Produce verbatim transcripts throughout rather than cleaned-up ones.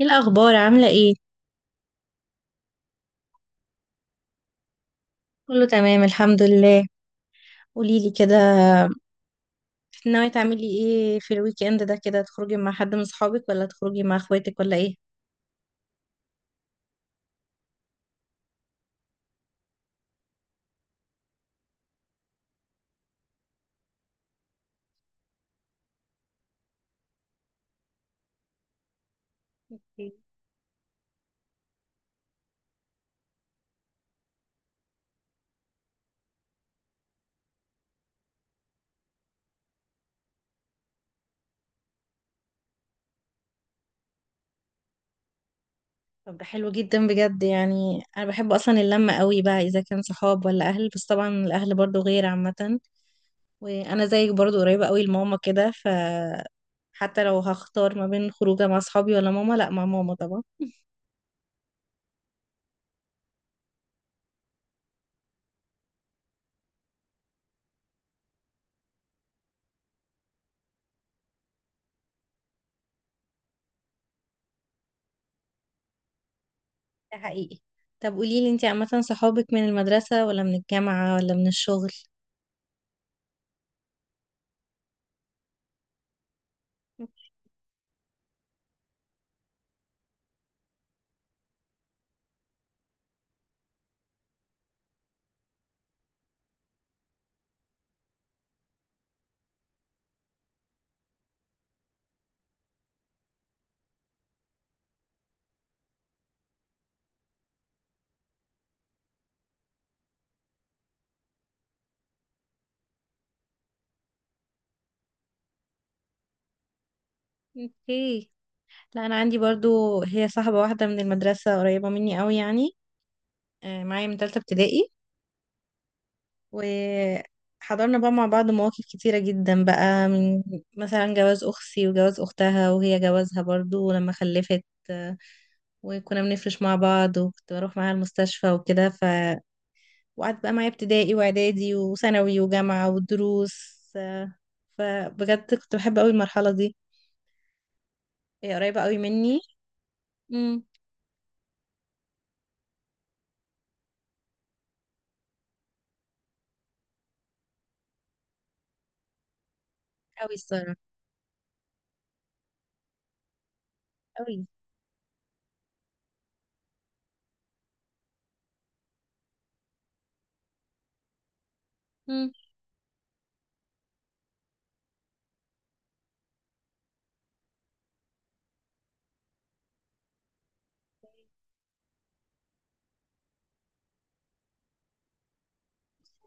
ايه الاخبار؟ عامله ايه؟ كله تمام، الحمد لله. قوليلي كده. ناويه تعملي ايه في الويك اند ده كده، تخرجي مع حد من صحابك ولا تخرجي مع اخواتك ولا ايه؟ إيه. طب ده حلو جدا بجد، يعني انا بحب اصلا اللمه قوي بقى، اذا كان صحاب ولا اهل، بس طبعا الاهل برضو غير عامه. وانا زيك برضو قريبه قوي لماما كده ف حتى لو هختار ما بين خروجه مع صحابي ولا ماما، لا، مع ماما طبعا. ده حقيقي. طب قوليلي انتي، عامه صحابك من المدرسه ولا من الجامعه ولا من الشغل؟ اوكي. لا، انا عندي برضو هي صاحبة واحدة من المدرسة، قريبة مني قوي يعني. آه، معايا من تالتة ابتدائي. وحضرنا بقى مع بعض مواقف كتيرة جدا، بقى من مثلا جواز اختي وجواز اختها، وهي جوازها برضو ولما خلفت. آه، وكنا بنفرش مع بعض، وكنت بروح معاها المستشفى وكده ف وقعدت بقى معايا ابتدائي واعدادي وثانوي وجامعة والدروس. آه، فبجد كنت بحب قوي المرحلة دي. هي قريبة قوي مني. امم. قوي الصراحة قوي.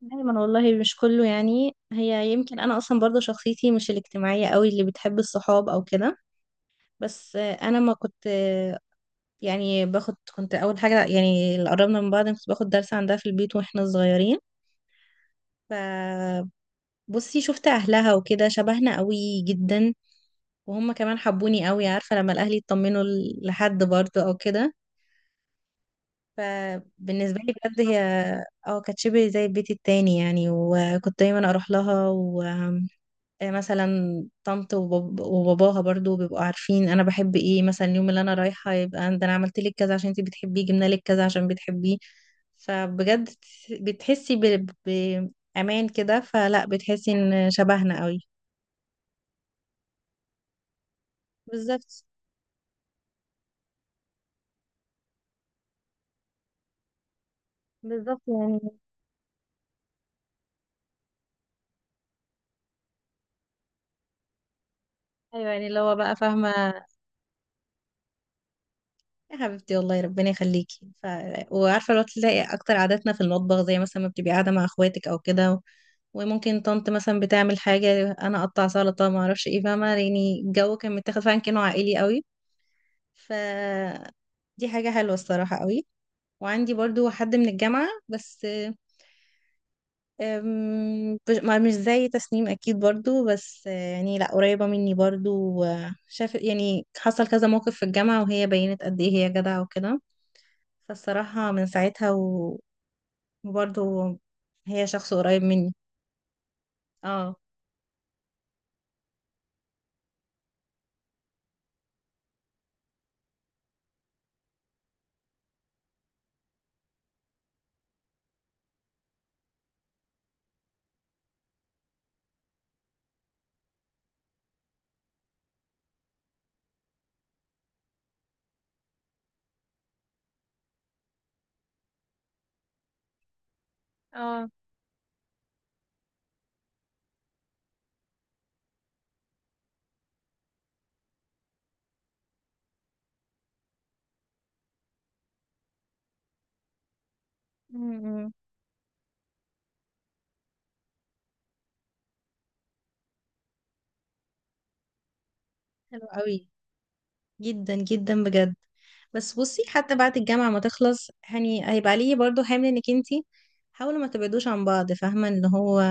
دايما والله، مش كله يعني، هي يمكن انا اصلا برضه شخصيتي مش الاجتماعيه قوي اللي بتحب الصحاب او كده. بس آه، انا ما كنت، آه، يعني باخد، كنت اول حاجه يعني، اللي قربنا من بعض كنت باخد درس عندها في البيت واحنا صغيرين. فبصي، شفت اهلها وكده شبهنا قوي جدا. وهم كمان حبوني قوي، عارفه لما الاهل يطمنوا ل- لحد برضه او كده. فبالنسبه لي بجد هي اه كانت شبه زي البيت التاني يعني، وكنت دايما اروح لها. آه، مثلا طنط وباب- وباباها برضو بيبقوا عارفين انا بحب ايه، مثلا اليوم اللي انا رايحه يبقى ده انا عملت لك كذا عشان انت بتحبيه، جبنا لك كذا عشان بتحبيه. فبجد بتحسي ب- بامان كده، فلا بتحسي ان شبهنا قوي. بالظبط. بالظبط يعني. ايوه يعني اللي هو بقى فاهمه. يا حبيبتي والله ربنا يخليكي ف... وعارفه لو تلاقي اكتر عاداتنا في المطبخ، زي مثلا ما بتبقي قاعده مع اخواتك او كده. وممكن طنط مثلا بتعمل حاجة، أنا أقطع سلطة، ما أعرفش إيه، فاهمة يعني الجو كان متاخد فعلا كأنه عائلي قوي ف دي حاجة حلوة الصراحة قوي. وعندي برضو حد من الجامعة بس. أم، مش ما- مش زي تسنيم أكيد برضو، بس آه، يعني لأ، قريبة مني برضو. شاف يعني حصل كذا موقف في الجامعة، وهي بينت قد إيه هي جدعة وكده. فالصراحة من ساعتها و- وبرضو هي شخص قريب مني. اه. اه. م- م. حلو قوي. جدا جدا بجد. بس بصي، حتى بعد الجامعة ما تخلص، يعني هيبقى ليه برضو حمل انك انتي حاولوا ما تبعدوش عن بعض، فاهمة اللي هو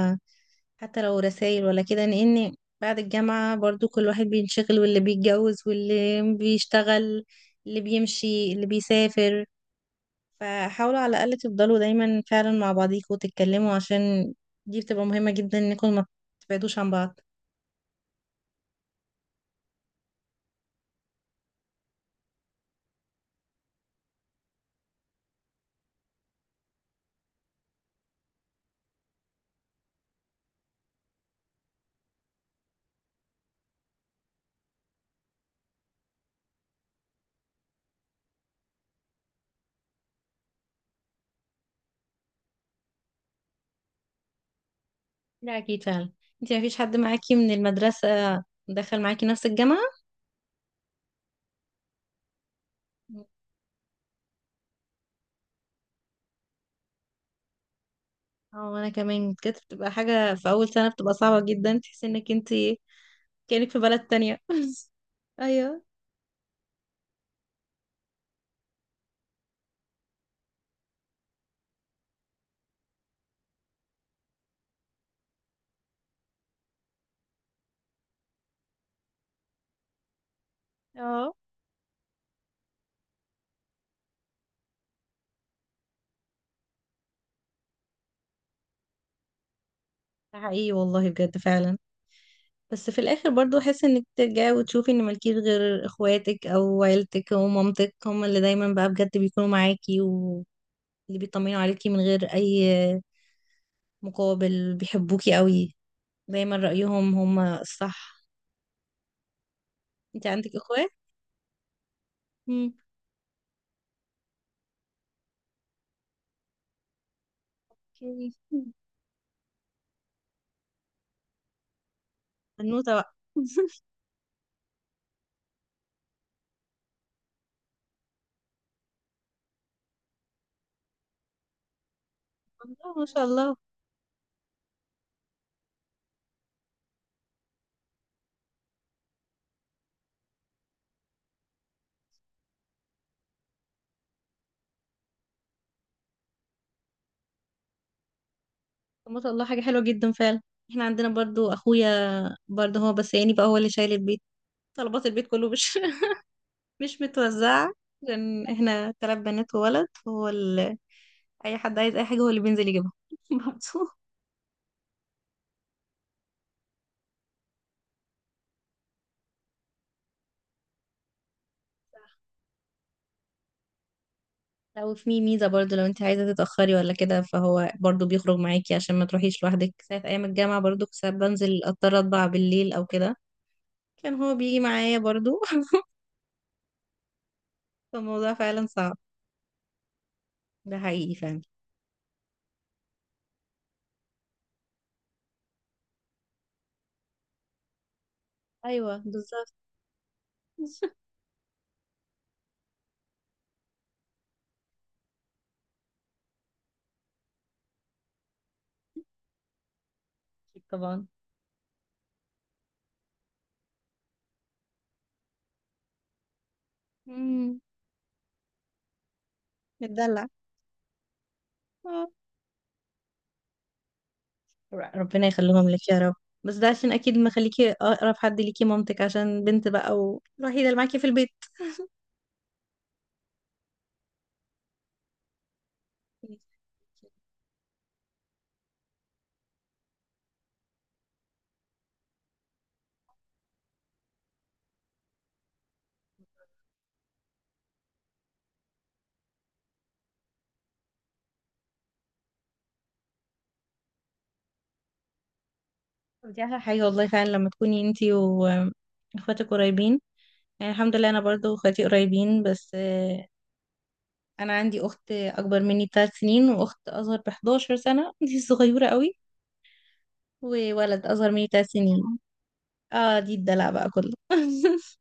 حتى لو رسائل ولا كده، لان بعد الجامعة برضو كل واحد بينشغل، واللي بيتجوز واللي بيشتغل، اللي بيمشي اللي بيسافر. فحاولوا على الأقل تفضلوا دايما فعلا مع بعضيكوا وتتكلموا، عشان دي بتبقى مهمة جدا انكم ما تبعدوش عن بعض. لا أكيد فعلا. انتي مفيش حد معاكي من المدرسة دخل معاكي نفس الجامعة؟ اه، وانا كمان كانت بتبقى حاجة في اول سنة، بتبقى صعبة جدا تحس انك انت كأنك في بلد تانية ايوه. اه، ده حقيقي والله بجد فعلا. بس في الاخر برضو احس انك ترجعي وتشوفي ان مالكيش غير اخواتك او عيلتك او مامتك، هم اللي دايما بقى بجد بيكونوا معاكي، واللي بيطمنوا عليكي من غير اي مقابل، بيحبوكي قوي، دايما رأيهم هم الصح. انت عندك اخوات؟ امم. اوكي. بنوتة بقى والله ما شاء الله. طب ما شاء الله، حاجة حلوة جدا فعلا. احنا عندنا برضو اخويا برضو، هو بس يعني بقى هو اللي شايل البيت، طلبات البيت كله مش مش متوزعة. عشان احنا تلات بنات وولد، هو ال... اي حد عايز اي حاجة هو اللي بينزل يجيبها برضو. لو في ميزة برضو، لو انت عايزة تتأخري ولا كده فهو برضو بيخرج معاكي عشان ما تروحيش لوحدك، ساعة ايام الجامعة برضو كنت ساعات بنزل اضطر اطبع بالليل او كده، كان هو بيجي معايا برضو فالموضوع فعلا صعب. ده حقيقي فعلا. ايوه بالظبط طبعا. امم. بتدلع. اه. ر- ربنا يخليهم لك يا رب. بس ده عشان اكيد مخليكي اقرب حد ليكي مامتك، عشان بنت بقى والوحيده اللي معاكي في البيت. دي احلى حاجه والله فعلا لما تكوني انتي واخواتك قريبين. يعني الحمد لله انا برضو اخواتي قريبين بس آه، انا عندي اخت اكبر مني بثلاث سنين، واخت اصغر ب احد عشر سنه دي صغيره قوي. وولد اصغر مني ثلاث سنين. اه، دي الدلع بقى كله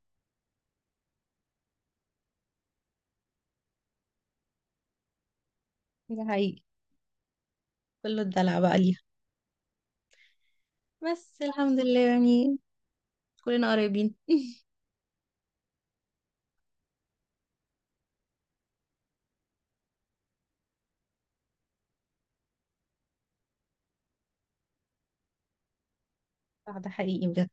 دي حقيقي. كله الدلع بقى ليها. بس الحمد لله يعني، كلنا قريبين آه، ده حقيقي بجد.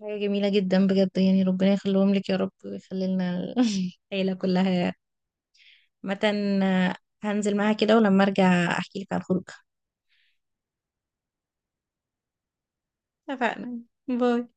حاجة جميلة جدا بجد يعني، ربنا يخليهم لك يا رب، ويخلي لنا ال- العيلة كلها. مثلا، هنزل معاها كده ولما ارجع احكي لك عن الخروج. اتفقنا. باي.